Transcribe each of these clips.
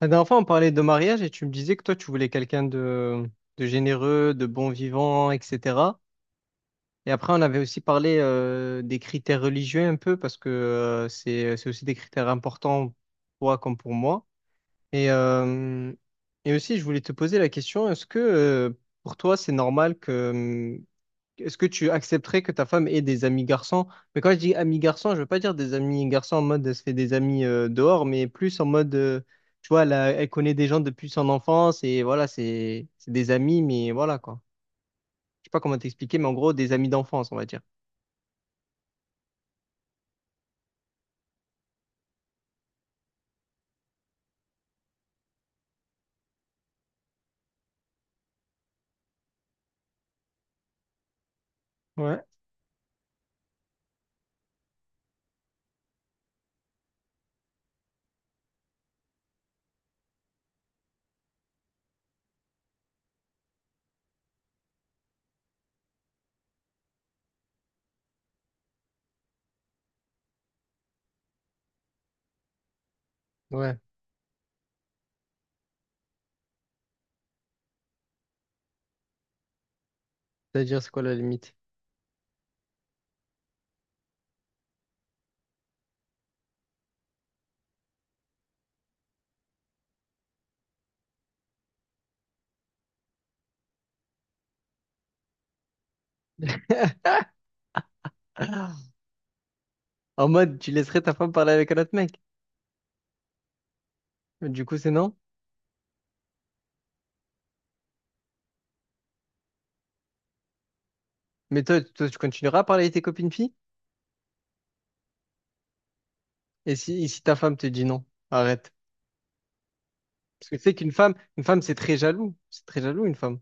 La dernière fois, on parlait de mariage et tu me disais que toi, tu voulais quelqu'un de généreux, de bon vivant, etc. Et après, on avait aussi parlé des critères religieux un peu parce que c'est aussi des critères importants pour toi comme pour moi. Et, euh, et aussi, je voulais te poser la question, est-ce que pour toi, c'est normal que est-ce que tu accepterais que ta femme ait des amis garçons? Mais quand je dis amis garçons, je veux pas dire des amis garçons en mode elle se fait des amis dehors, mais plus en mode, tu vois, elle, elle connaît des gens depuis son enfance et voilà, c'est des amis, mais voilà quoi. Je sais pas comment t'expliquer, mais en gros, des amis d'enfance, on va dire. Ouais. Ouais, c'est-à-dire c'est quoi la limite? En mode, tu laisserais ta femme parler avec un autre mec. Du coup, c'est non. Mais toi, tu continueras à parler avec tes copines filles? Et si ta femme te dit non, arrête. Parce que tu sais qu'une femme, une femme, c'est très jaloux. C'est très jaloux, une femme.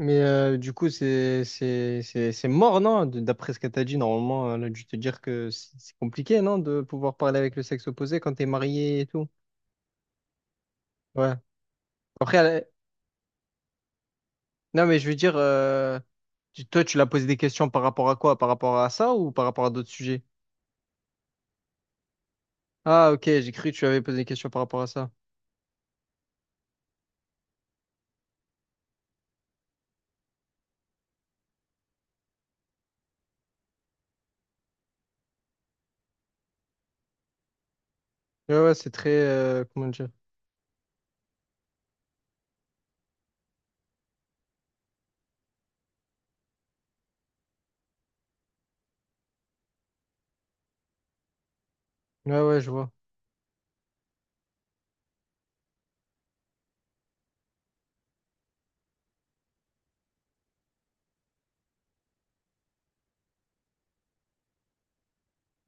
Mais du coup, c'est mort, non? D'après ce que t'as dit, normalement, elle a dû te dire que c'est compliqué, non? De pouvoir parler avec le sexe opposé quand t'es marié et tout. Ouais. Après, non, mais je veux dire, toi, tu l'as posé des questions par rapport à quoi? Par rapport à ça ou par rapport à d'autres sujets? Ah, ok, j'ai cru que tu avais posé des questions par rapport à ça. Ouais, ouais, c'est très... comment dire? Ouais, ouais, je vois.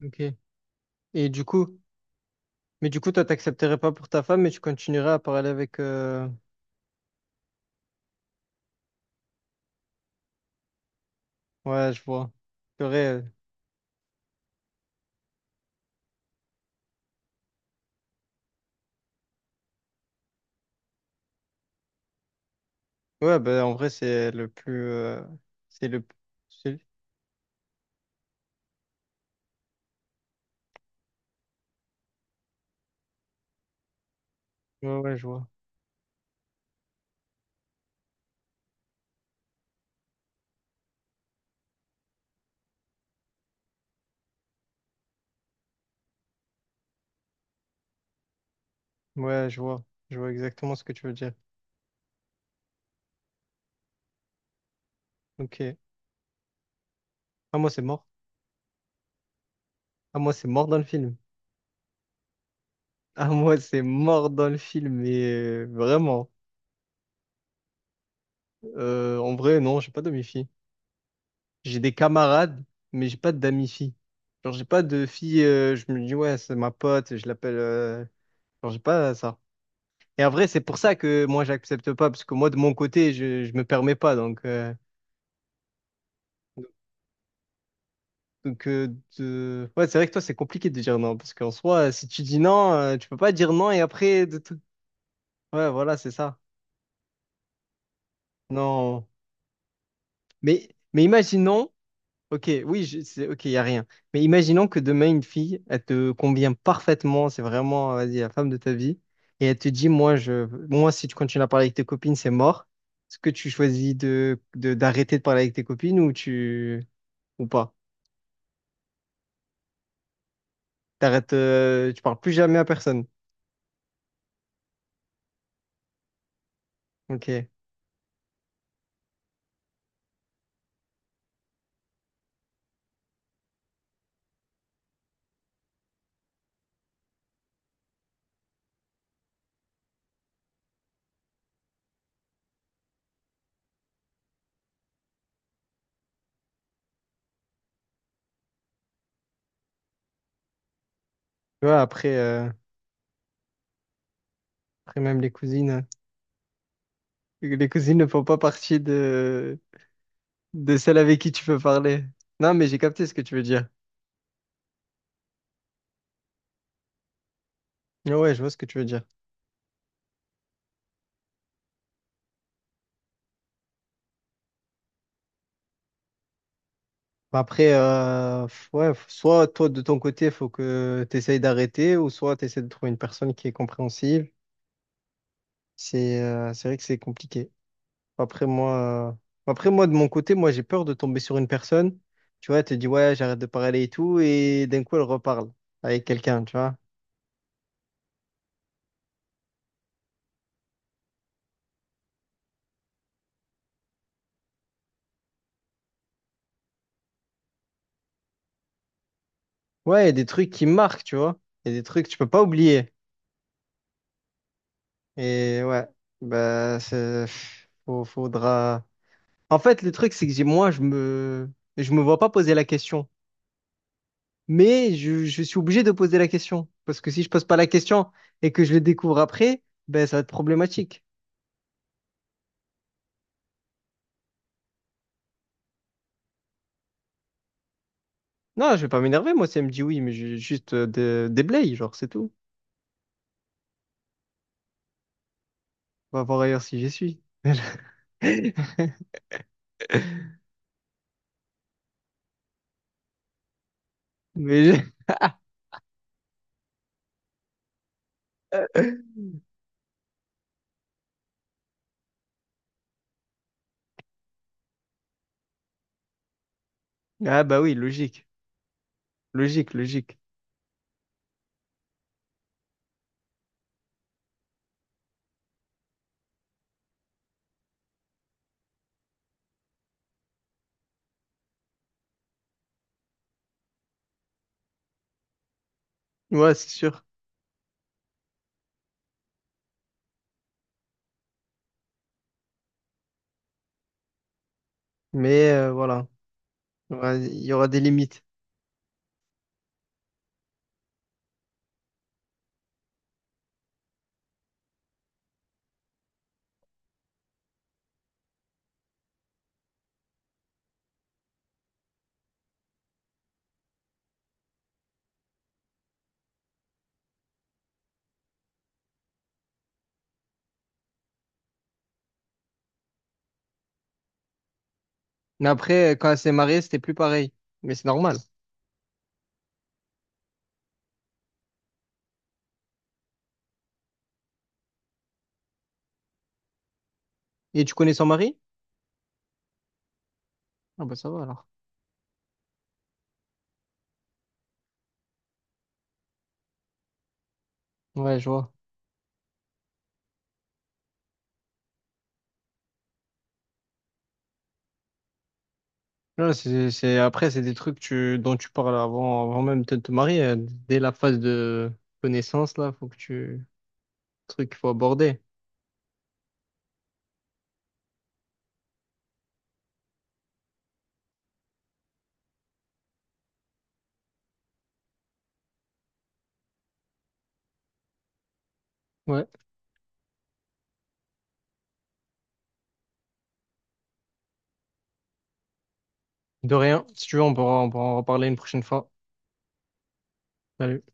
Ok. Et du coup, mais du coup, toi, t'accepterais pas pour ta femme, mais tu continuerais à parler avec... Ouais, je vois. C'est vrai. Ouais, bah, en vrai, c'est le plus. C'est le. C'est- Ouais, ouais, je vois. Ouais, je vois. Je vois exactement ce que tu veux dire. Ok. Ah, moi, c'est mort. Ah, moi, c'est mort dans le film. Ah, moi, c'est mort dans le film. Mais vraiment. En vrai, non, j'ai pas d'amis filles. J'ai des camarades, mais j'ai pas d'amis filles. Genre, j'ai pas de filles. Je me dis, ouais, c'est ma pote, je l'appelle. Genre, j'ai pas ça. Et en vrai, c'est pour ça que moi, j'accepte pas, parce que moi, de mon côté, je me permets pas. Donc. Donc, ouais, c'est vrai que toi, c'est compliqué de dire non, parce qu'en soi, si tu dis non, tu peux pas dire non et après, de tout... ouais, voilà, c'est ça. Non. Mais, mais imaginons, ok, oui, c'est ok, il n'y a rien. Mais imaginons que demain, une fille, elle te convient parfaitement, c'est vraiment, vas-y, la femme de ta vie, et elle te dit, moi, je... moi, si tu continues à parler avec tes copines, c'est mort. Est-ce que tu choisis de, d'arrêter de parler avec tes copines ou tu, ou pas? T'arrêtes, tu parles plus jamais à personne. Ok. Tu vois, après. Après, même les cousines. Les cousines ne font pas partie de celles avec qui tu peux parler. Non, mais j'ai capté ce que tu veux dire. Ah ouais, je vois ce que tu veux dire. Bah, après, ouais, soit toi, de ton côté, faut que tu essayes d'arrêter, ou soit tu essaies de trouver une personne qui est compréhensive. C'est vrai que c'est compliqué. Après, moi, de mon côté, moi, j'ai peur de tomber sur une personne. Tu vois, elle te dit, ouais, j'arrête de parler et tout, et d'un coup, elle reparle avec quelqu'un, tu vois. Ouais, il y a des trucs qui marquent, tu vois. Il y a des trucs que tu peux pas oublier. Et ouais, bah, c'est, faudra. En fait, le truc, c'est que moi, je me vois pas poser la question. Mais je suis obligé de poser la question. Parce que si je pose pas la question et que je le découvre après, ben, ça va être problématique. Non, je vais pas m'énerver, moi, si elle me dit oui, mais juste des blayes, genre, c'est tout. On va voir ailleurs si j'y suis. Mais je- Ah, bah oui, logique. Logique, logique. Ouais, c'est sûr. Mais voilà, il y aura des limites. Mais après, quand elle s'est mariée, c'était plus pareil. Mais c'est normal. Et tu connais son mari? Ah bah ça va alors. Ouais, je vois. Non, c'est, après, c'est des trucs tu, dont tu parles avant, avant même de te marier. Dès la phase de connaissance, là, faut que tu... Truc qu'il faut aborder. Ouais. De rien. Si tu veux, on pourra en reparler une prochaine fois. Salut.